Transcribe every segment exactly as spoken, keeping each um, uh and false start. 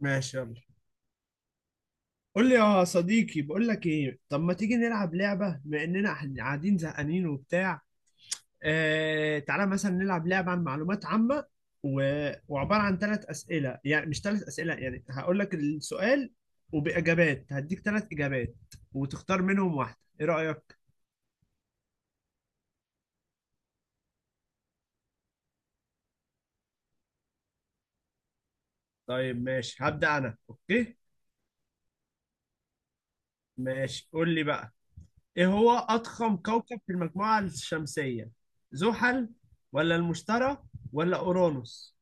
ماشي، يلا قول لي يا صديقي. بقول لك ايه، طب ما تيجي نلعب لعبة بما اننا إحنا قاعدين زهقانين وبتاع. آه تعالى مثلا نلعب لعبة عن معلومات عامة. و... وعبارة عن ثلاث أسئلة، يعني مش ثلاث أسئلة، يعني هقول لك السؤال وبإجابات هديك ثلاث إجابات وتختار منهم واحدة. ايه رأيك؟ طيب ماشي، هبدأ انا. اوكي ماشي، قول لي بقى. ايه هو أضخم كوكب في المجموعة الشمسية؟ زحل ولا المشتري ولا أورانوس؟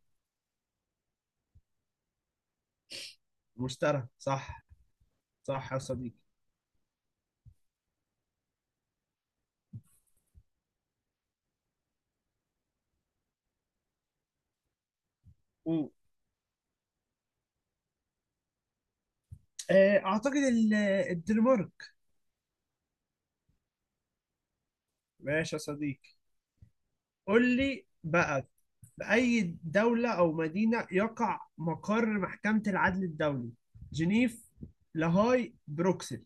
مشترى، صح. صح يا صديقي. و- آه، اعتقد ال- الدنمارك. ماشي يا صديقي، قول لي بقى. في اي دولة او مدينة يقع مقر محكمة العدل الدولي؟ جنيف، لاهاي، بروكسل؟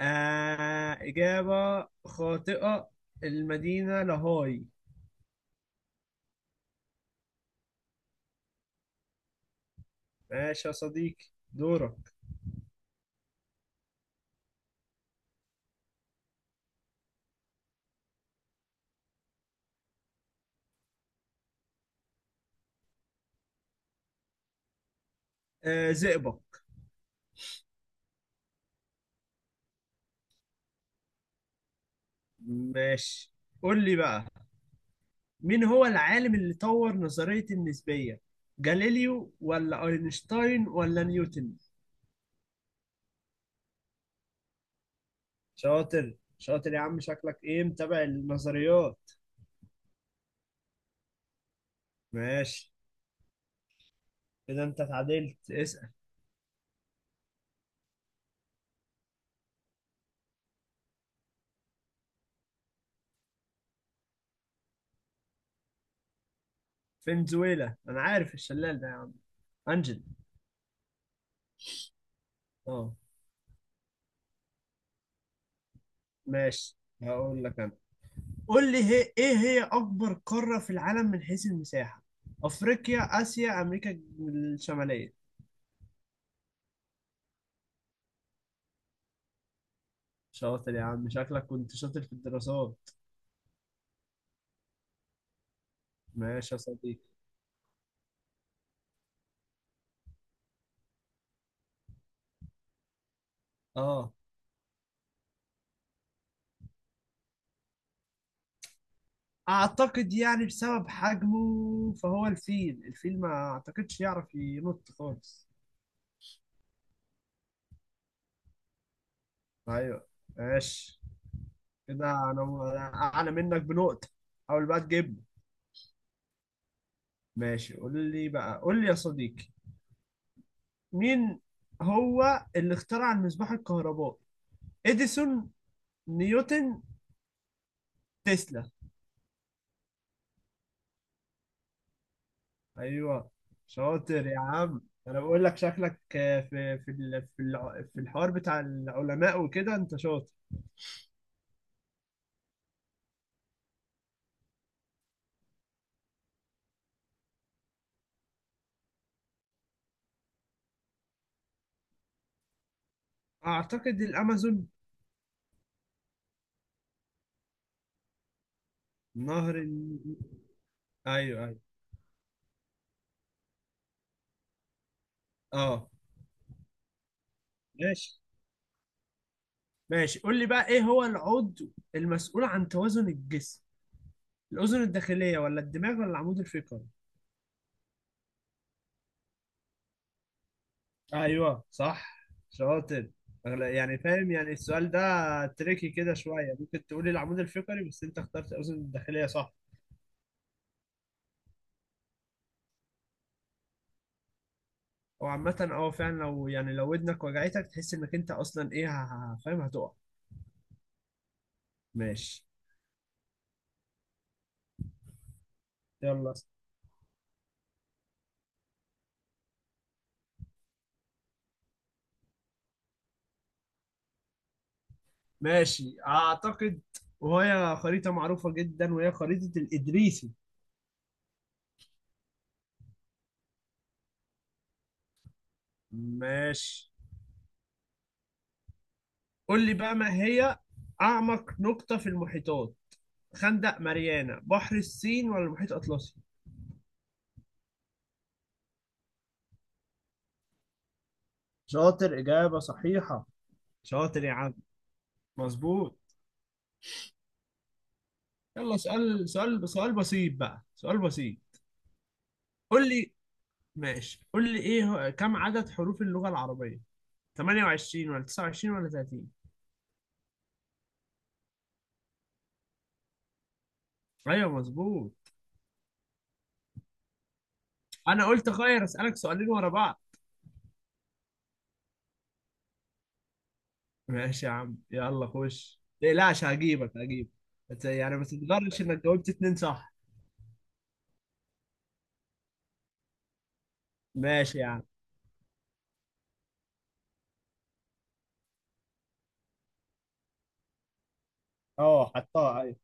آه، إجابة خاطئة، المدينة لاهاي. ماشي يا صديقي، دورك. آه، زئبق. ماشي قول لي بقى، مين هو العالم اللي طور نظرية النسبية؟ جاليليو ولا أينشتاين ولا نيوتن؟ شاطر شاطر يا عم، شكلك إيه متابع النظريات. ماشي، كده أنت اتعدلت، اسأل. فنزويلا، أنا عارف الشلال ده يا عم. أنجل، أه. ماشي، هقول لك أنا. قول لي هي، إيه هي أكبر قارة في العالم من حيث المساحة؟ أفريقيا، آسيا، أمريكا الشمالية؟ شاطر يا عم، شكلك كنت شاطر في الدراسات. ماشي يا صديقي. اه، اعتقد يعني بسبب حجمه فهو الفيل، الفيل ما اعتقدش يعرف ينط خالص. ايوه، ماشي. كده انا اعلى منك بنقطة، حاول بقى تجيبه. ماشي قول لي بقى، قول لي يا صديقي، مين هو اللي اخترع المصباح الكهربائي؟ اديسون، نيوتن، تسلا؟ ايوه، شاطر يا عم. انا بقول لك شكلك آه، في في ال- في الع- في الحوار بتاع العلماء وكده انت شاطر. اعتقد الامازون. نهر النيل؟ ايوه ايوه. اه. ماشي. ماشي قول لي بقى، ايه هو العضو المسؤول عن توازن الجسم؟ الاذن الداخليه ولا الدماغ ولا العمود الفقري؟ ايوه صح، شاطر. أغل- يعني فاهم يعني السؤال ده تريكي كده شويه، ممكن تقولي العمود الفقري، بس انت اخترت الاذن الداخليه، صح. هو عامه اه فعلا، لو يعني لو ودنك وجعتك تحس انك انت اصلا ايه ه- ه- فاهم، هتقع. ماشي، يلا. ماشي اعتقد، وهي خريطة معروفة جدا، وهي خريطة الإدريسي. ماشي قول لي بقى، ما هي أعمق نقطة في المحيطات؟ خندق ماريانا، بحر الصين، ولا المحيط الأطلسي؟ شاطر، إجابة صحيحة. شاطر يا عم. مظبوط. يلا سؤال سؤال سؤال بسيط بقى، سؤال بسيط. قول لي. ماشي قول لي، ايه هو- كم عدد حروف اللغة العربية؟ ثمانية وعشرين ولا تسعة وعشرين ولا ثلاثين؟ ايوه مظبوط. انا قلت غير اسالك سؤالين ورا بعض. ماشي يا عم، يلا خش، تقلقش، هجيبك هجيبك. بس يعني ما تتغرش انك جاوبت اتنين صح. ماشي يا عم. اه حطها، ايوه.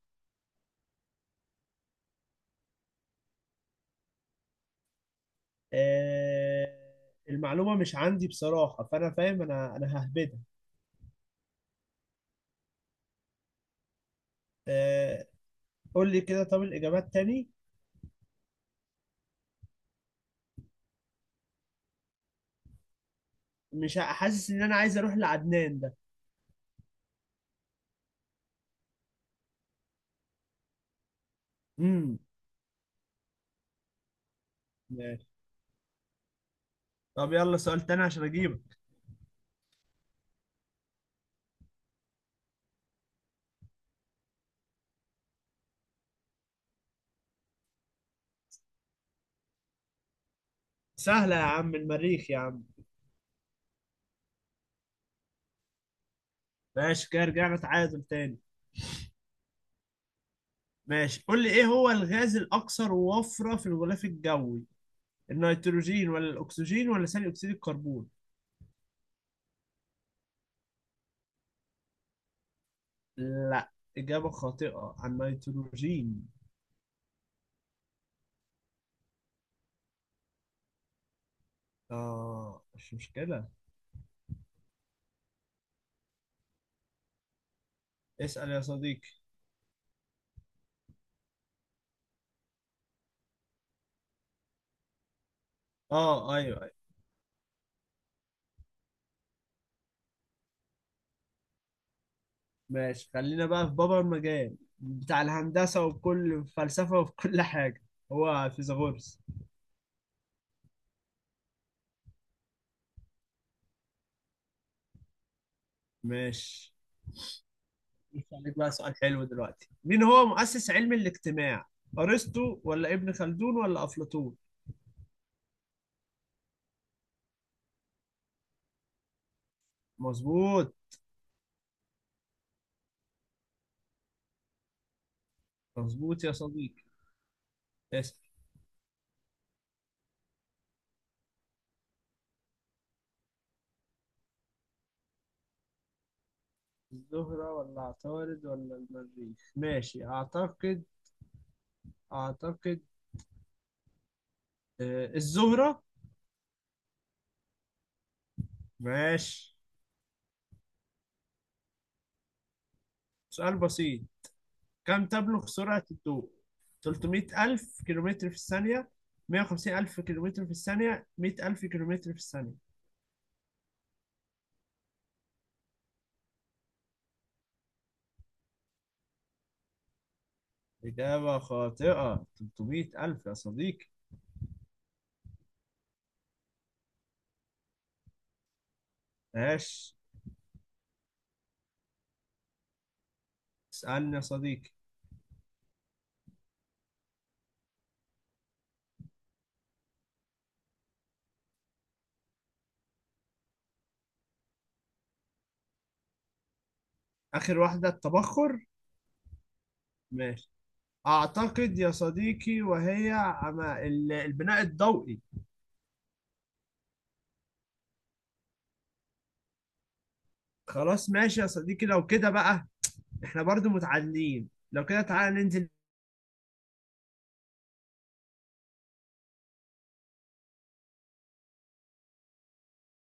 آه، المعلومة مش عندي بصراحة، فأنا فاهم، أنا أنا ههبدها. آه قول لي كده، طب الإجابات تاني. مش ه- حاسس إن أنا عايز أروح لعدنان ده. امم ماشي. طب يلا سؤال تاني عشان أجيبك. سهلة يا عم، المريخ يا عم. ماشي، كده رجعنا تعادل تاني. ماشي قول لي، إيه هو الغاز الأكثر وفرة في الغلاف الجوي؟ النيتروجين ولا الأكسجين ولا ثاني أكسيد الكربون؟ لا، إجابة خاطئة، عن النيتروجين. آه مش مشكلة. اسأل يا صديقي. آه أيوه أيوه. ماشي، خلينا بقى في بابا المجال بتاع الهندسة وكل فلسفة وفي كل حاجة. هو فيثاغورس. ماشي، عليك بقى سؤال حلو دلوقتي. مين هو مؤسس علم الاجتماع؟ أرسطو ولا ابن خلدون ولا أفلاطون؟ مظبوط. مظبوط يا صديقي، اسأل. الزهرة ولا عطارد ولا المريخ؟ ماشي أعتقد، أعتقد آه، الزهرة. ماشي، سؤال بسيط، كم تبلغ سرعة الضوء؟ تلتمية ألف كيلومتر في الثانية، مية وخمسين ألف كيلومتر في الثانية، مية ألف كيلومتر في الثانية؟ إجابة خاطئة، تلتمية ألف يا صديقي. ماشي، اسألني يا صديقي. آخر واحدة، التبخر. ماشي أعتقد يا صديقي، وهي عم- ال- البناء الضوئي. خلاص ماشي يا صديقي، لو كده بقى احنا برضو متعادلين، لو كده تعالى ننزل.